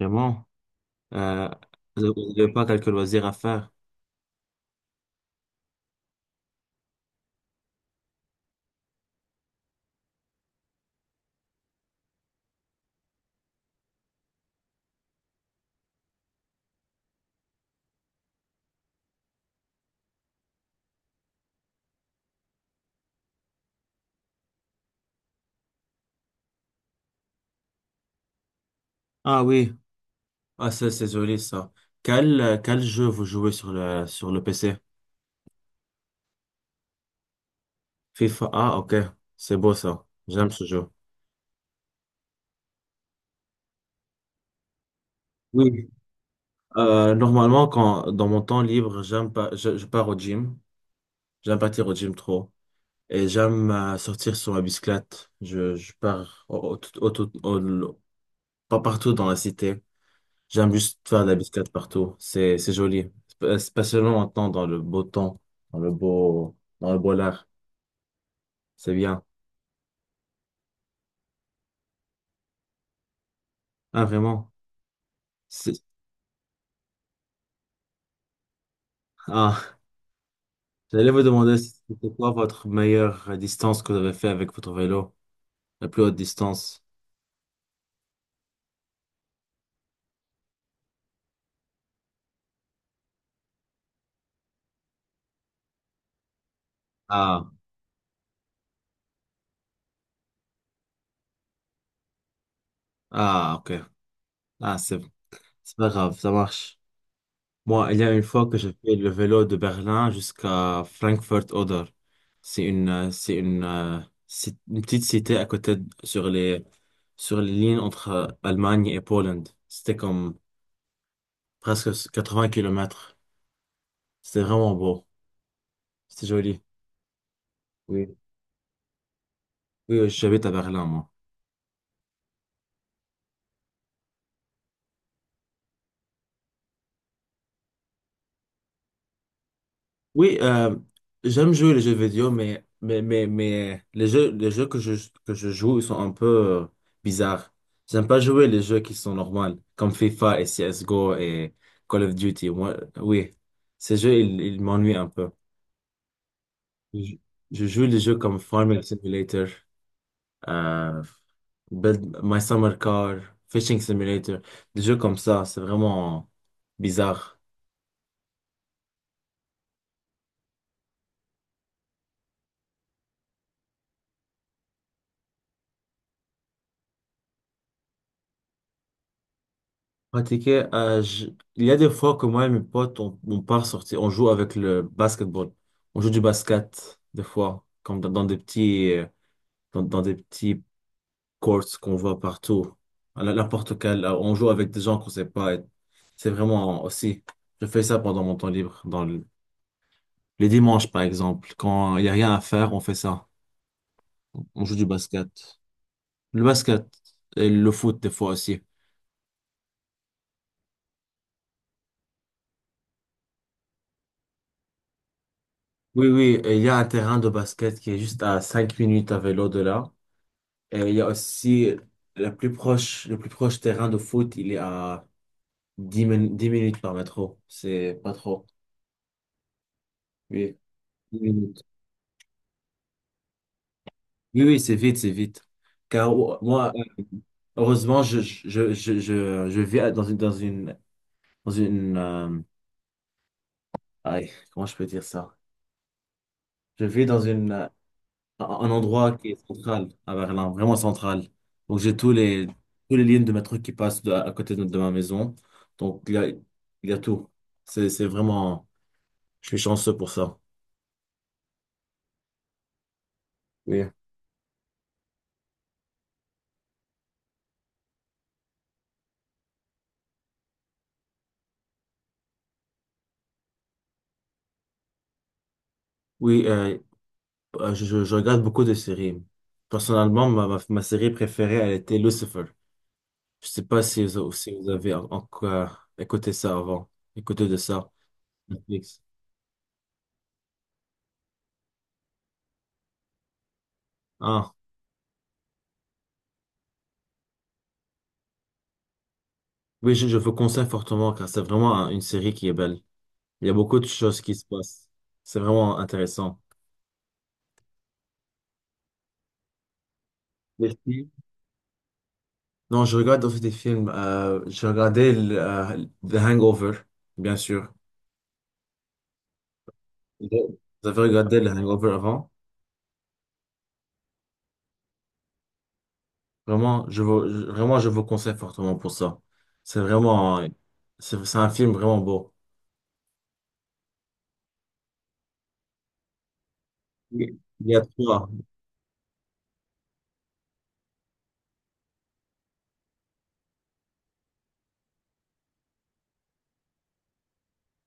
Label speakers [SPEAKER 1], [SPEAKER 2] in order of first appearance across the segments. [SPEAKER 1] Vraiment. Euh, Vous n'avez pas quelques loisirs à faire. Ah oui. Ah, c'est joli, ça. Quel jeu vous jouez sur le PC? FIFA. Ah, ok. C'est beau, ça. J'aime ce jeu. Oui. Normalement, dans mon temps libre, j'aime pas, je pars au gym. J'aime partir au gym trop. Et j'aime sortir sur ma bicyclette. Je pars pas partout dans la cité. J'aime juste faire de la biscate partout. C'est joli. Spécialement maintenant dans le beau temps, dans le beau lard. C'est bien. Ah, vraiment. C'est- Ah, j'allais vous demander si c'était quoi votre meilleure distance que vous avez fait avec votre vélo? La plus haute distance. Ah, ah, ok. Ah, c'est pas grave. Ça marche. Moi, il y a une fois que j'ai fait le vélo de Berlin jusqu'à Frankfurt-Oder. C'est une, euh, c'est une, euh, c'est une petite cité sur les lignes entre Allemagne et Pologne. C'était comme presque 80 kilomètres. C'était vraiment beau. C'était joli. Oui. Oui, j'habite à Berlin, moi. Oui, j'aime jouer les jeux vidéo, mais les jeux que je joue, ils sont un peu euh, bizarres. J'aime pas jouer les jeux qui sont normaux, comme FIFA et CSGO et Call of Duty. Moi, oui, ces jeux, ils m'ennuient un peu. Je, je joue les jeux comme Farming Simulator, euh, Build My Summer Car, Fishing Simulator, des jeux comme ça, c'est vraiment bizarre. Pratiquer, il y a des fois que moi et mes potes, on part sortir, on joue avec le basketball. On joue du basket, des fois, comme dans des petits courts qu'on voit partout. N'importe quel, on joue avec des gens qu'on sait pas. Et c'est vraiment aussi, je fais ça pendant mon temps libre, les dimanches, par exemple. Quand il y a rien à faire, on fait ça. On joue du basket. Le basket et le foot, des fois aussi. Oui, oui, et il y a un terrain de basket qui est juste à 5 minutes à vélo de là. Il y a aussi le plus proche terrain de foot, il est à dix minutes par métro. C'est pas trop. Oui, 10 minutes. Oui, oui, c'est vite, c'est vite. Car moi, heureusement, je vis dans une aïe, comment je peux dire ça? Je vis dans une, un endroit qui est central à Berlin, vraiment central. Donc, j'ai tous les lignes de métro qui passent à côté de ma maison. Donc, il y a tout. C'est vraiment. Je suis chanceux pour ça. Oui. Oui, je regarde beaucoup de séries. Personnellement, ma série préférée, elle était Lucifer. Je sais pas si vous avez encore écouté ça avant, écouté de ça, Netflix. Ah, oui, je vous conseille fortement car c'est vraiment une série qui est belle. Il y a beaucoup de choses qui se passent. C'est vraiment intéressant. Les films? Non, je regarde aussi des films. J'ai regardé The Hangover, bien sûr. Vous avez regardé The Hangover avant? Vraiment, je vous conseille fortement pour ça. C'est vraiment, c'est un film vraiment beau. Il y a trois.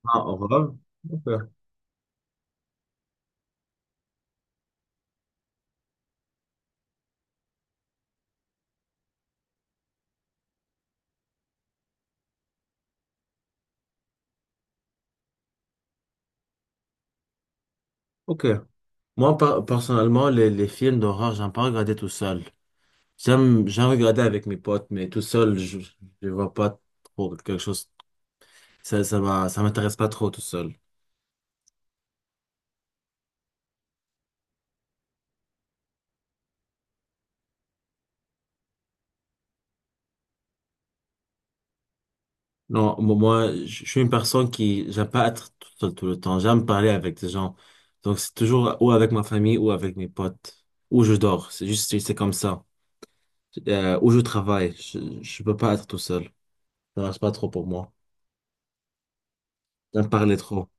[SPEAKER 1] Un horreur. Ok. Ok. Moi, personnellement, les films d'horreur, j'aime pas regarder tout seul. J'aime regarder avec mes potes, mais tout seul, je vois pas trop quelque chose. Ça m'intéresse pas trop tout seul. Non, moi, je suis une personne qui, j'aime pas être tout seul tout le temps. J'aime parler avec des gens. Donc, c'est toujours ou avec ma famille ou avec mes potes. Ou je dors. C'est juste, c'est comme ça. Ou je travaille. Je peux pas être tout seul. Ça marche pas trop pour moi. J'aime parler trop.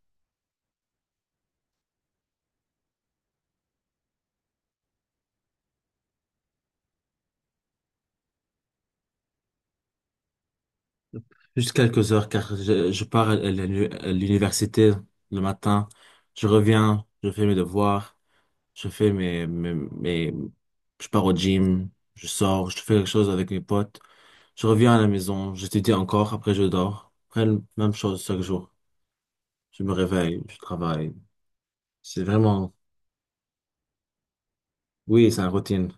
[SPEAKER 1] Juste quelques heures, car je pars à à l'université le matin. Je reviens, je fais mes devoirs. Je fais mes, mes, mes, Je pars au gym. Je sors, je fais quelque chose avec mes potes. Je reviens à la maison, j'étudie encore, après je dors. Après, même chose chaque jour. Je me réveille, je travaille. C'est vraiment, oui, c'est une routine.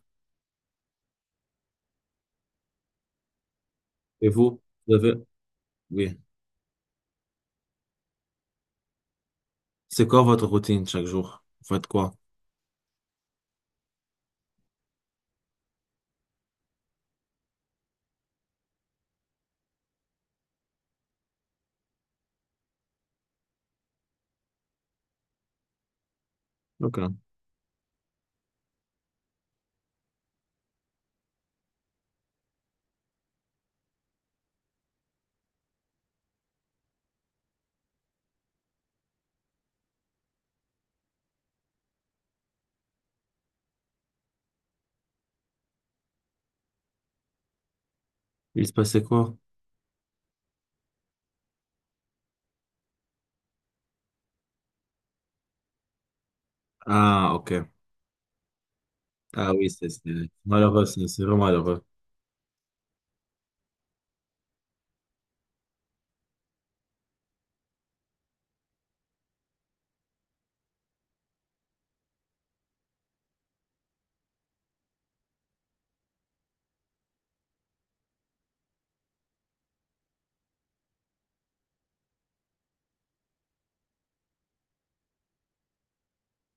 [SPEAKER 1] Et vous, vous avez, oui. C'est quoi votre routine chaque jour? Vous faites quoi? Ok. Il se passait quoi? Ah, ok. Ah oui, c'est malheureux, c'est vraiment malheureux.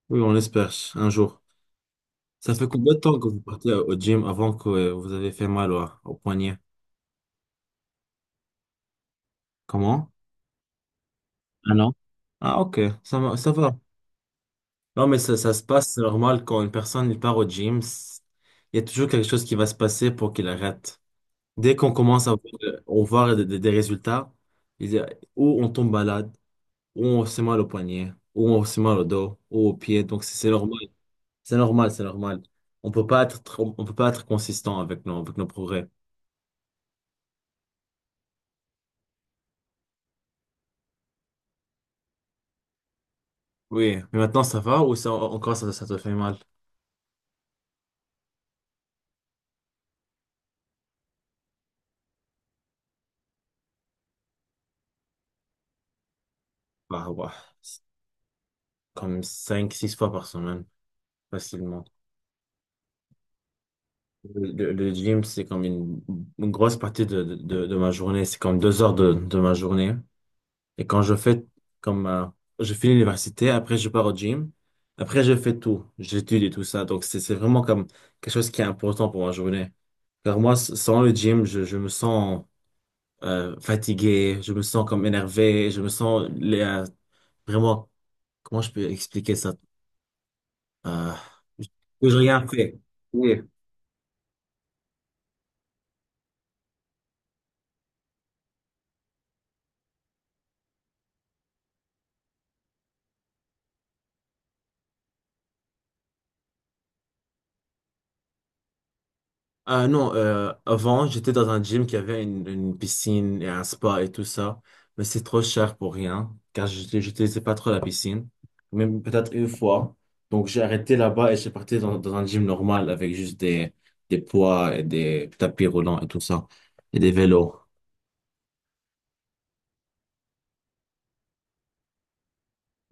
[SPEAKER 1] Oui, on espère un jour. Ça fait combien de temps que vous partez au gym avant que vous avez fait mal au poignet? Comment? Un an. Ah, ok. Ça va. Non, mais ça se passe, c'est normal quand une personne il part au gym, il y a toujours quelque chose qui va se passer pour qu'il arrête. Dès qu'on commence à voir, on voit des résultats, il y a- ou on tombe malade, ou on se mal au poignet, ou on se mal au dos, ou aux pieds. Donc c'est normal, c'est normal, c'est normal. On peut pas être consistant avec nos progrès. Oui, mais maintenant ça va ou ça te fait mal? Bah ouais, c'est comme cinq six fois par semaine, facilement. Le gym, c'est comme une grosse partie de ma journée. C'est comme 2 heures de ma journée. Et quand je fais, comme, je finis l'université, après je pars au gym, après je fais tout. J'étudie tout ça. Donc c'est vraiment comme quelque chose qui est important pour ma journée. Car moi, sans le gym, je me sens fatigué, je me sens comme énervé, je me sens vraiment, comment je peux expliquer ça? Euh, que j'ai rien fait. Ah non, avant, j'étais dans un gym qui avait une piscine et un spa et tout ça, mais c'est trop cher pour rien, car je j'utilisais pas trop la piscine, même peut-être une fois. Donc j'ai arrêté là-bas et j'ai parti dans un gym normal avec juste des poids et des tapis roulants et tout ça, et des vélos.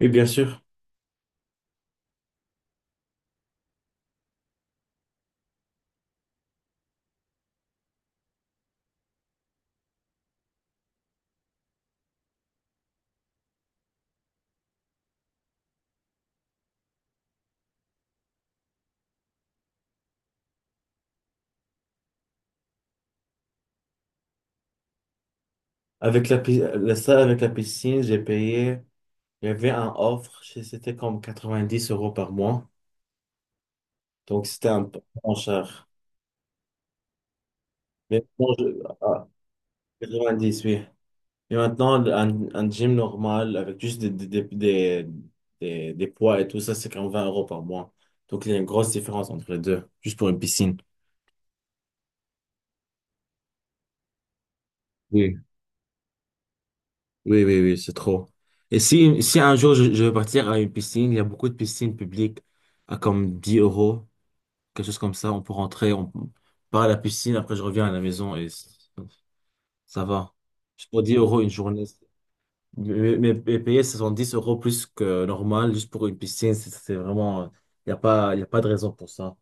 [SPEAKER 1] Oui, bien sûr. Avec la salle avec la piscine, j'ai payé, il y avait un offre, c'était comme 90 euros par mois, donc c'était un peu moins cher. Mais bon, ah, 90, oui. Et maintenant, un gym normal avec juste des poids et tout ça, c'est quand même 20 euros par mois. Donc, il y a une grosse différence entre les deux, juste pour une piscine. Oui, oui, oui, oui, c'est trop. Et si un jour je veux partir à une piscine, il y a beaucoup de piscines publiques à comme 10 euros, quelque chose comme ça, on peut rentrer, on part à la piscine, après je reviens à la maison ça va. Juste pour 10 € une journée. Mais payer 70 euros plus que normal juste pour une piscine, c'est vraiment. Il n'y a pas, Y a pas de raison pour ça.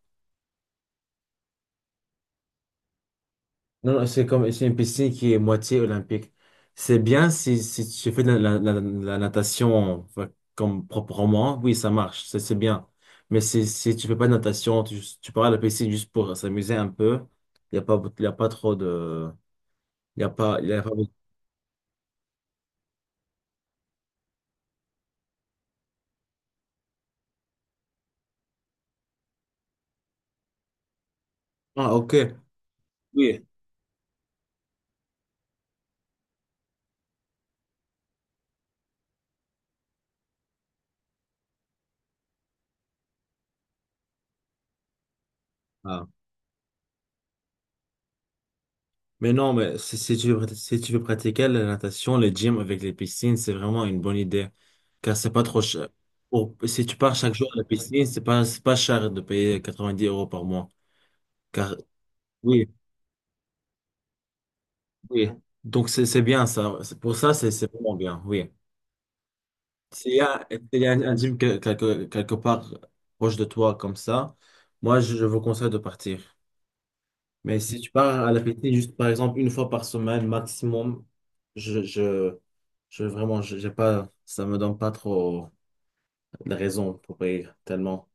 [SPEAKER 1] Non, non, c'est une piscine qui est moitié olympique. C'est bien si tu fais de la natation enfin, comme proprement, oui, ça marche, c'est bien. Mais si tu fais pas de natation, tu pars à la piscine juste pour s'amuser un peu, il n'y a pas, y a pas trop de. Il a pas, Y a pas... Ah, ok. Oui. Ah. Mais non, mais si tu veux, si tu veux pratiquer la natation, le gym avec les piscines, c'est vraiment une bonne idée. Car c'est pas trop cher. Si tu pars chaque jour à la piscine, c'est pas cher de payer 90 € par mois. Car, oui, oui. Donc, c'est bien ça. Pour ça, c'est vraiment bien, oui. S'il y a un gym quelque part proche de toi comme ça, moi, je vous conseille de partir. Mais si tu pars à la PT juste par exemple une fois par semaine maximum, je, je, je vraiment, je- j'ai pas, ça me donne pas trop de raisons pour payer tellement.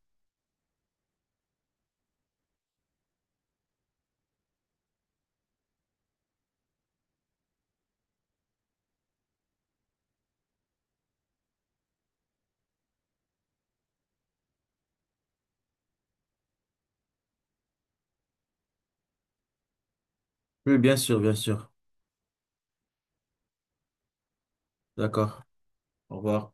[SPEAKER 1] Oui, bien sûr, bien sûr. D'accord. Au revoir.